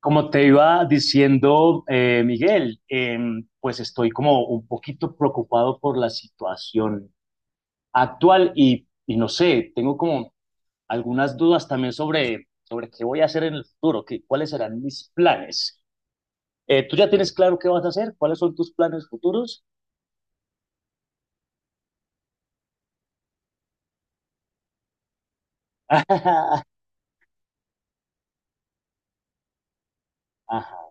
Como te iba diciendo, Miguel, pues estoy como un poquito preocupado por la situación actual y no sé, tengo como algunas dudas también sobre qué voy a hacer en el futuro, cuáles serán mis planes. ¿Tú ya tienes claro qué vas a hacer? ¿Cuáles son tus planes futuros? Ajá,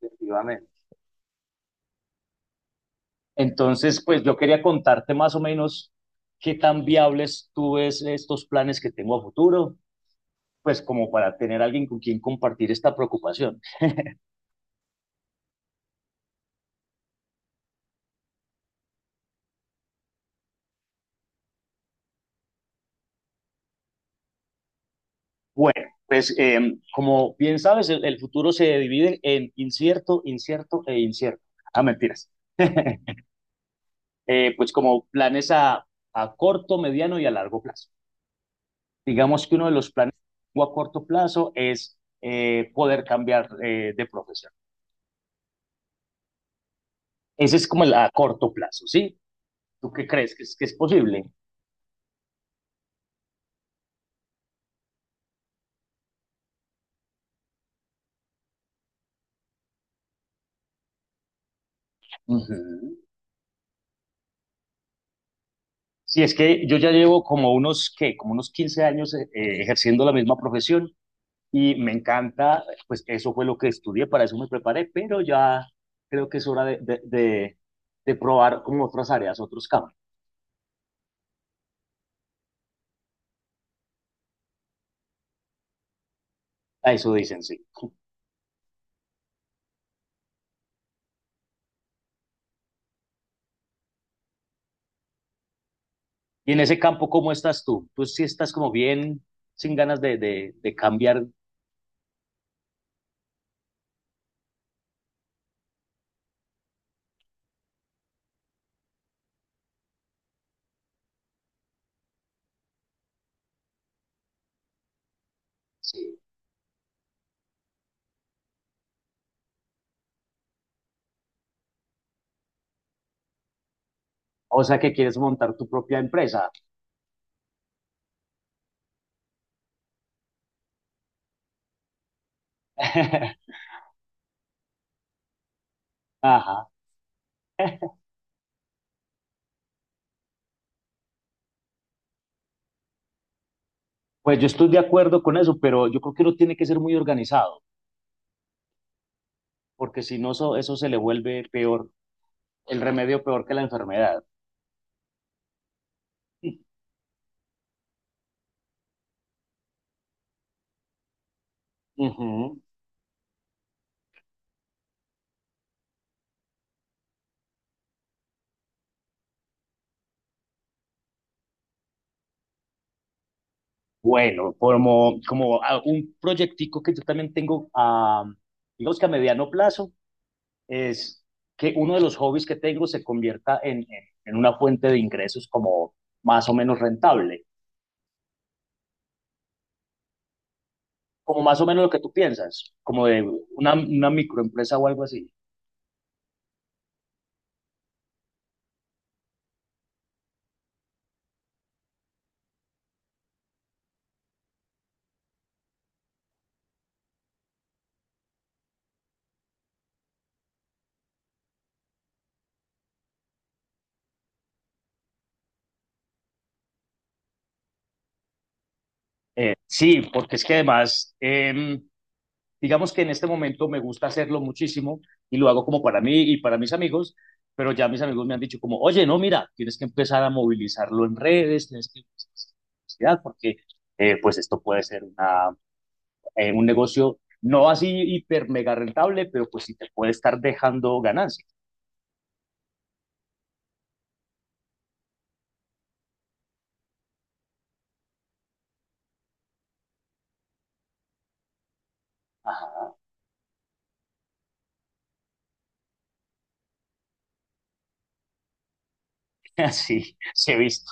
efectivamente. Entonces, pues yo quería contarte más o menos qué tan viables tú ves estos planes que tengo a futuro, pues como para tener alguien con quien compartir esta preocupación. Bueno, pues como bien sabes, el futuro se divide en incierto, incierto e incierto. Ah, mentiras. Pues como planes a, corto, mediano y a largo plazo. Digamos que uno de los planes a corto plazo es poder cambiar de profesión. Ese es como el a corto plazo, ¿sí? ¿Tú qué crees que es, posible? Uh -huh. Sí, es que yo ya llevo como unos, ¿qué? Como unos 15 años ejerciendo la misma profesión, y me encanta, pues eso fue lo que estudié, para eso me preparé, pero ya creo que es hora de probar como otras áreas, otros campos. A eso dicen, sí. Y en ese campo, ¿cómo estás tú? Tú sí estás como bien, sin ganas de cambiar. Sí. O sea, que quieres montar tu propia empresa. Ajá. Pues yo estoy de acuerdo con eso, pero yo creo que uno tiene que ser muy organizado, porque si no, eso se le vuelve peor, el remedio peor que la enfermedad. Ujú. Bueno, como un proyectico que yo también tengo, digamos que a mediano plazo, es que uno de los hobbies que tengo se convierta en una fuente de ingresos como más o menos rentable, como más o menos lo que tú piensas, como de una microempresa o algo así. Sí, porque es que además, digamos que en este momento me gusta hacerlo muchísimo y lo hago como para mí y para mis amigos, pero ya mis amigos me han dicho como, oye, no, mira, tienes que empezar a movilizarlo en redes, tienes que empezar a hacer publicidad, porque pues esto puede ser un negocio no así hiper mega rentable, pero pues sí te puede estar dejando ganancias. Ajá, así, se ha visto.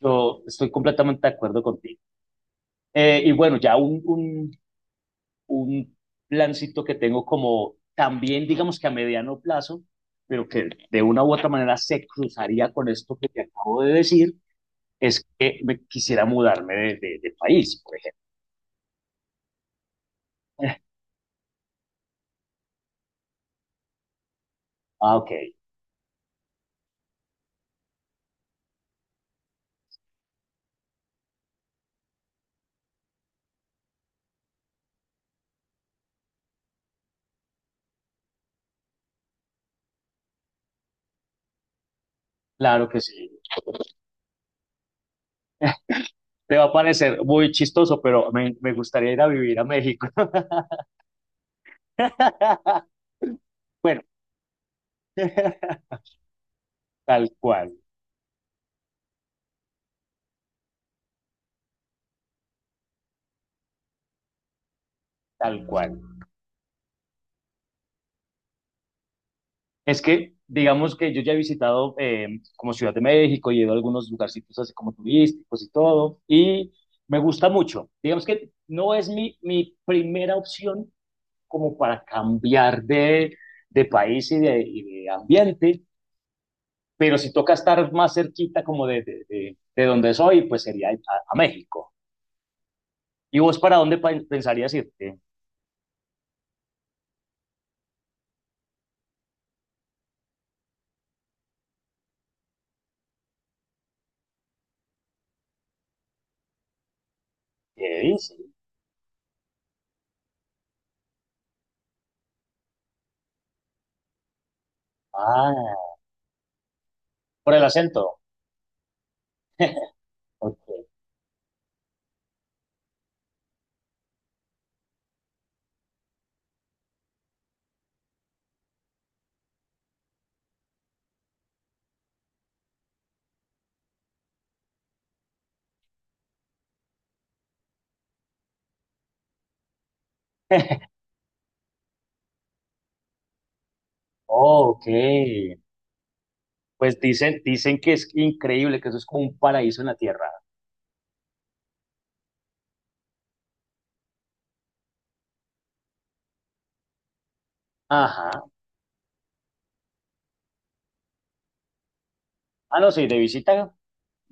Yo estoy completamente de acuerdo contigo. Y bueno, ya un plancito que tengo como también, digamos que a mediano plazo, pero que de una u otra manera se cruzaría con esto que te acabo de decir, es que me quisiera mudarme de país, por ejemplo. Ah, ok, claro que sí. Te va a parecer muy chistoso, pero me gustaría ir a vivir a México. Bueno, tal cual, tal cual. Es que, digamos que yo ya he visitado como Ciudad de México, y he ido a algunos lugarcitos así como turísticos y todo, y me gusta mucho. Digamos que no es mi primera opción como para cambiar de país y de ambiente, pero si toca estar más cerquita como de donde soy, pues sería a México. ¿Y vos para dónde pensarías irte? ¿Qué dices? Ah, por el acento. Ok. Oh, ok. Pues dicen, dicen que es increíble, que eso es como un paraíso en la tierra. Ajá. Ah, no, sí, de visita.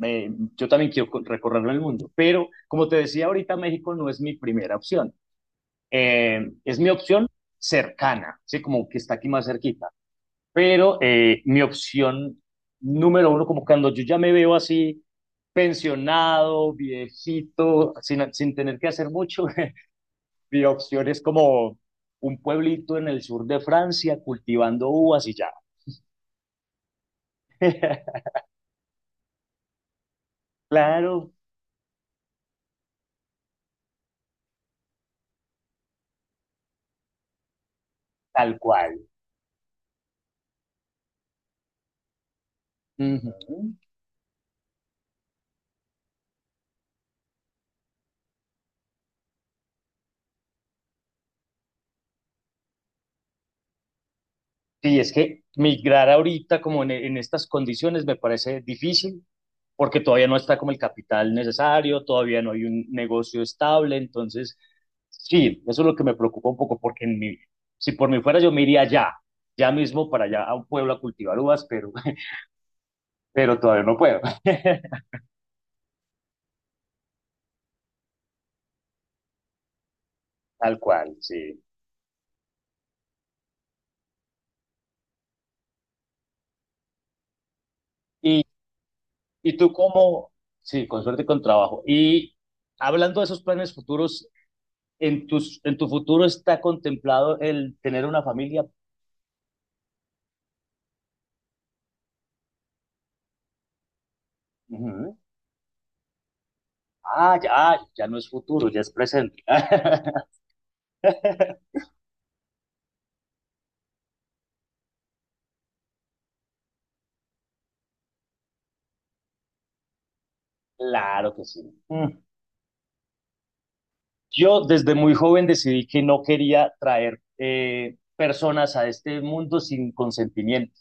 eh, yo también quiero recorrerlo el mundo, pero como te decía ahorita, México no es mi primera opción. Eh, es mi opción cercana, sí, como que está aquí más cerquita. Pero mi opción número uno, como cuando yo ya me veo así, pensionado, viejito, sin tener que hacer mucho, mi opción es como un pueblito en el sur de Francia cultivando uvas y ya. Claro, tal cual. Ujú. Sí, es que migrar ahorita como en estas condiciones me parece difícil porque todavía no está como el capital necesario, todavía no hay un negocio estable, entonces sí, eso es lo que me preocupa un poco porque en mí, si por mí fuera yo me iría ya, ya mismo para allá a un pueblo a cultivar uvas, pero pero todavía no puedo. Tal cual, sí. Y, y tú como, sí, con suerte y con trabajo. Y hablando de esos planes futuros, en tus, en tu futuro está contemplado el tener una familia. Ujú. Ah, ya, ya no es futuro, ya es presente. Claro que sí. Mm. Yo desde muy joven decidí que no quería traer personas a este mundo sin consentimiento.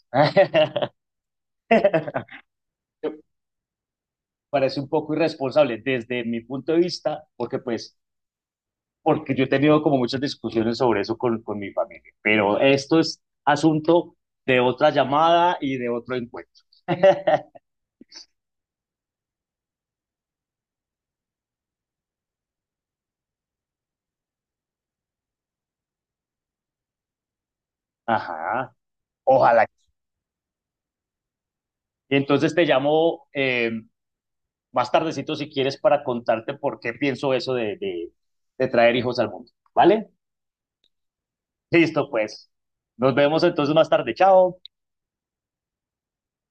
Parece un poco irresponsable desde mi punto de vista, porque pues, porque yo he tenido como muchas discusiones sobre eso con mi familia, pero esto es asunto de otra llamada y de otro encuentro. Ajá, ojalá. Y entonces te llamo más tardecito si quieres para contarte por qué pienso eso de, de traer hijos al mundo. ¿Vale? Listo, pues. Nos vemos entonces más tarde. Chao.